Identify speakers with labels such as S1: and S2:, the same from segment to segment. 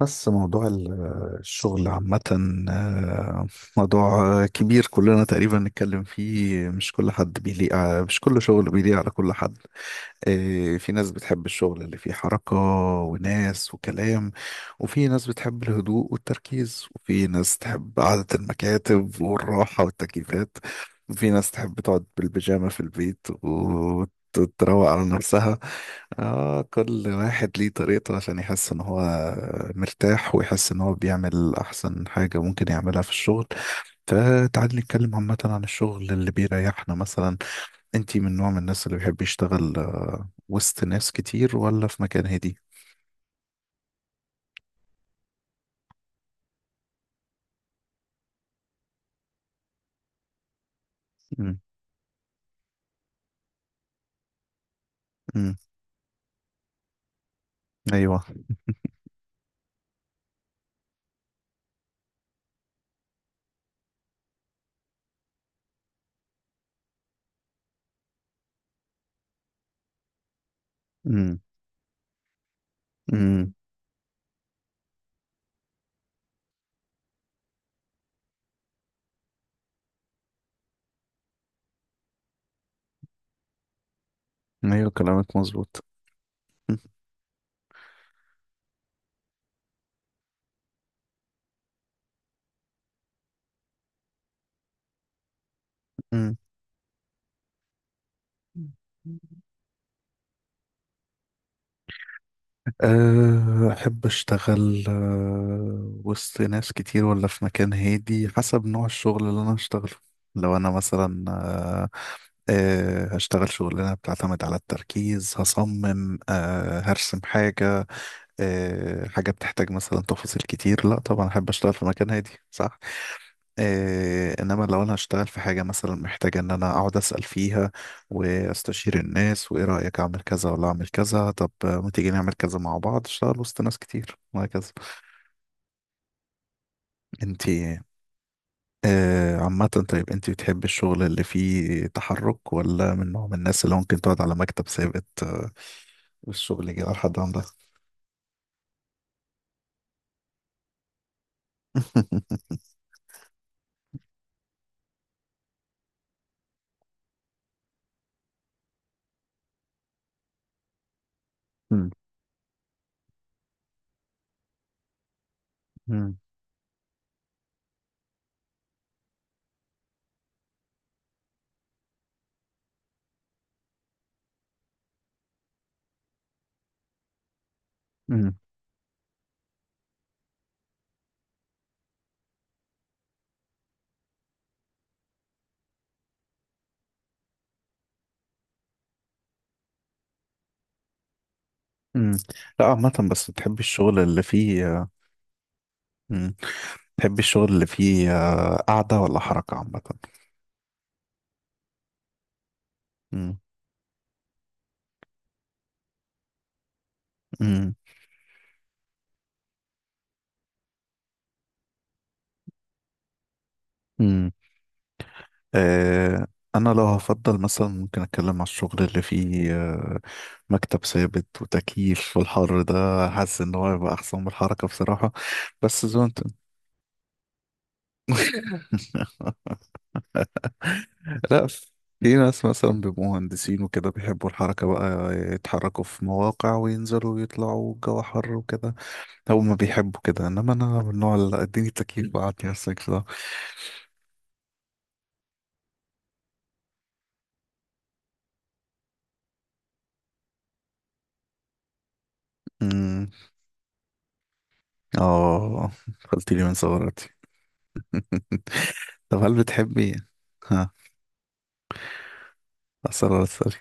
S1: بس موضوع الشغل عامة، آه، موضوع كبير. كلنا تقريبا نتكلم فيه. مش كل حد مش كل شغل بيليق على كل حد. إيه، في ناس بتحب الشغل اللي فيه حركة وناس وكلام، وفي ناس بتحب الهدوء والتركيز، وفي ناس تحب قعدة المكاتب والراحة والتكييفات، وفي ناس تحب تقعد بالبيجامة في البيت وتروق على نفسها. آه، كل واحد ليه طريقته عشان يحس ان هو مرتاح، ويحس ان هو بيعمل احسن حاجة ممكن يعملها في الشغل. فتعالي نتكلم عامة عن الشغل اللي بيريحنا مثلا. انتي من نوع من الناس اللي بيحب يشتغل وسط ناس كتير، ولا في مكان هادي؟ مم. مم. ايوه. مم. مم. ايوه، كلامك مظبوط. مم. أحب أشتغل، وسط ناس كتير ولا في مكان هادي، حسب نوع الشغل اللي أنا هشتغله. لو أنا مثلا أه، أه، هشتغل شغلانة بتعتمد على التركيز، هصمم، هرسم حاجة، حاجة بتحتاج مثلا تفاصيل كتير، لا طبعا أحب أشتغل في مكان هادي، صح. إنما لو أنا هشتغل في حاجة مثلا محتاجة إن أنا أقعد أسأل فيها وأستشير الناس، وإيه رأيك، أعمل كذا ولا أعمل كذا، طب ما تيجي نعمل كذا مع بعض، أشتغل وسط ناس كتير، وهكذا. أنتي، عامة، طيب أنتي بتحبي الشغل اللي فيه تحرك، ولا من نوع من الناس اللي ممكن تقعد على مكتب ثابت والشغل يجي على حد عندها؟ مم. لا عامة، بس تحب الشغل اللي فيه. مم. تحب الشغل اللي فيه قعدة ولا حركة عامة؟ مم. مم. مم. آه، أنا لو هفضل مثلا ممكن أتكلم على الشغل اللي فيه مكتب ثابت وتكييف. والحر ده، حاسس إن هو يبقى أحسن من الحركة بصراحة. بس زونت. لا، في ناس مثلا بيبقوا مهندسين وكده، بيحبوا الحركة بقى، يتحركوا في مواقع وينزلوا ويطلعوا والجو حر وكده. هما بيحبوا كده، انما انا من النوع اللي اديني تكييف وقعدني على السكس ده. أمم، اه، قلت لي من صغراتي. طب هل بتحبي إيه؟ ها؟ أسرار السري.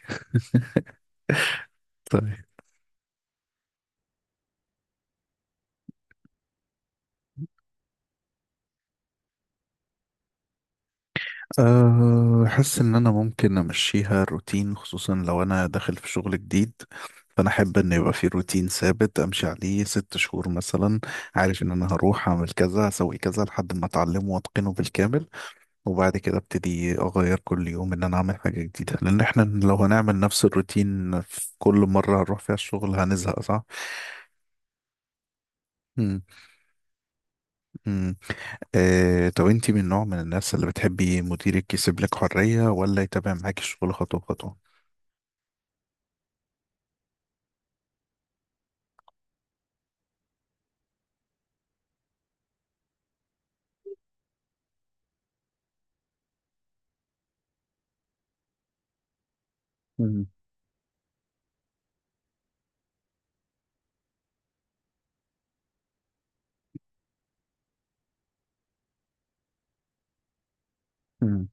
S1: طيب. أحس إن أنا ممكن أمشيها روتين، خصوصا لو أنا داخل في شغل جديد. فأنا أحب إن يبقى في روتين ثابت أمشي عليه 6 شهور مثلا. عارف إن أنا هروح أعمل كذا أسوي كذا لحد ما أتعلمه وأتقنه بالكامل، وبعد كده ابتدي اغير كل يوم ان انا اعمل حاجة جديدة، لان احنا لو هنعمل نفس الروتين في كل مرة هنروح فيها الشغل هنزهق، صح؟ مم. مم. طب انتي من نوع من الناس اللي بتحبي مديرك يسيب لك حرية، ولا يتابع معاكي الشغل خطوة بخطوة؟ مم. مم.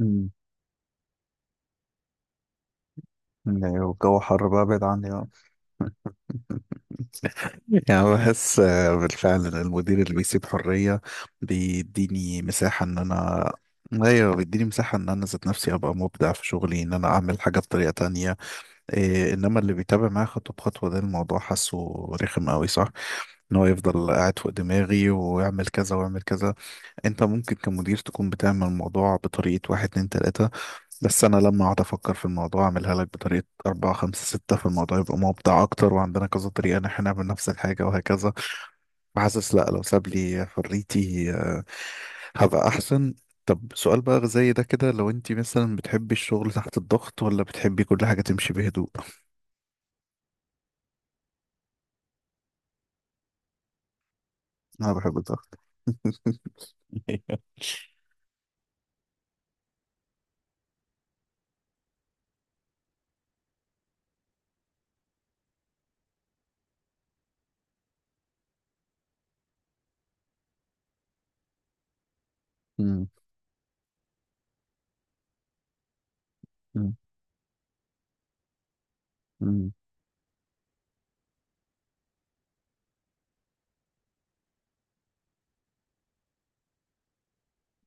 S1: مم. ايوه، الجو حر بقى، ابعد عني بقى. يعني بحس بالفعل ان المدير اللي بيسيب حرية بيديني مساحة ان انا، ايوه، بيديني مساحة ان انا ذات نفسي ابقى مبدع في شغلي، ان انا اعمل حاجة بطريقة تانية. إيه، انما اللي بيتابع معايا خطوة بخطوة ده، الموضوع حاسه رخم قوي، صح. ان هو يفضل قاعد فوق دماغي، ويعمل كذا ويعمل كذا. انت ممكن كمدير تكون بتعمل الموضوع بطريقة واحد اتنين تلاتة، بس انا لما اقعد افكر في الموضوع اعملها لك بطريقه أربعة خمسة ستة، في الموضوع يبقى مبدع اكتر، وعندنا كذا طريقه ان احنا نعمل نفس الحاجه وهكذا. حاسس، لا، لو ساب لي حريتي هبقى احسن. طب سؤال بقى زي ده كده، لو انت مثلا بتحبي الشغل تحت الضغط، ولا بتحبي كل حاجة تمشي بهدوء؟ انا بحب الضغط. مم. مم. مم.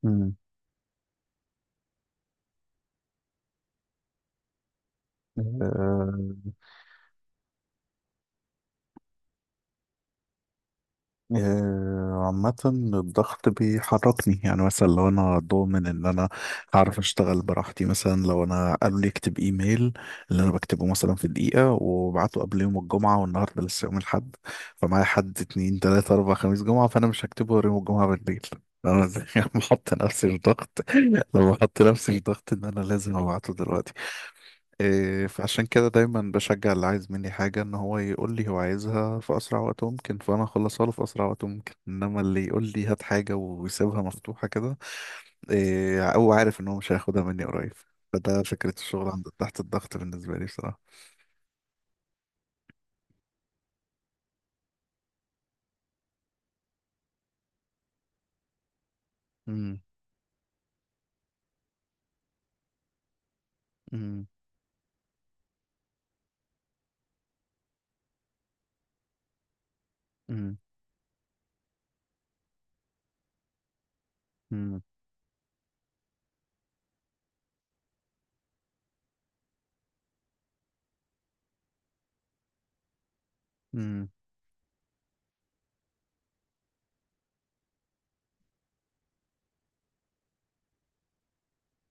S1: مم. آه، عامة، الضغط بيحركني، يعني مثلا لو انا ضامن ان انا هعرف اشتغل براحتي، مثلا لو انا قالوا لي اكتب ايميل، اللي انا بكتبه مثلا في دقيقة وبعته قبل يوم الجمعة، والنهاردة لسه يوم الاحد، فمعايا حد اتنين تلاتة اربعة خميس جمعة، فانا مش هكتبه غير يوم الجمعة بالليل. انا بحط نفسي في ضغط، لما بحط نفسي في ضغط ان انا لازم ابعته دلوقتي. إيه، فعشان كده دايما بشجع اللي عايز مني حاجة ان هو يقول لي هو عايزها في اسرع وقت ممكن، فانا اخلصها له في اسرع وقت ممكن، انما اللي يقول لي هات حاجة ويسيبها مفتوحة كده، إيه، او عارف ان هو مش هياخدها مني قريب، فده فكرة الشغل عند تحت الضغط بالنسبة لي بصراحة. مم، مم، مم، مم، مم،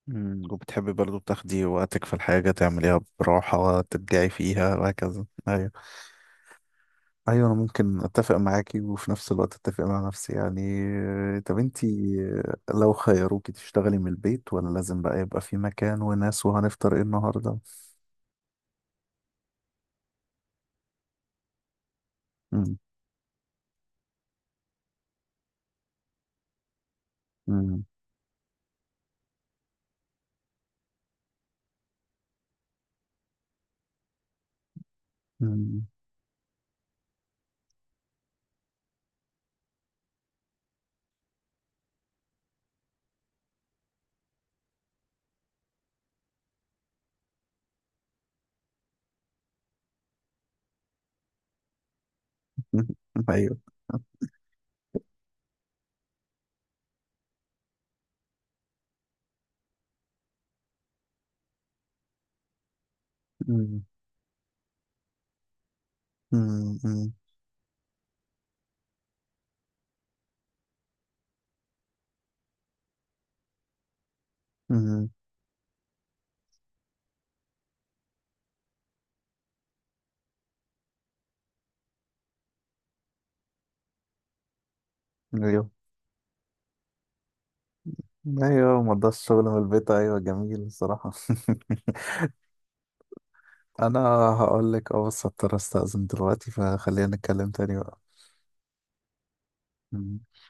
S1: مم. وبتحبي برضو تاخدي وقتك في الحاجة تعمليها براحة، تبدعي فيها وهكذا. ايوه، انا ممكن اتفق معاكي وفي نفس الوقت اتفق مع نفسي يعني. طب انتي، لو خيروكي تشتغلي من البيت، ولا لازم بقى يبقى في مكان وناس، وهنفطر ايه النهارده؟ مم، مم، مم، ايوه، مم، مم، مم، مم، ايوه. ايوه، ما رضاش الشغل من البيت، ايوه، جميل الصراحه. انا هقول لك اه، بس هضطر استأذن دلوقتي، فخلينا نتكلم تاني بقى.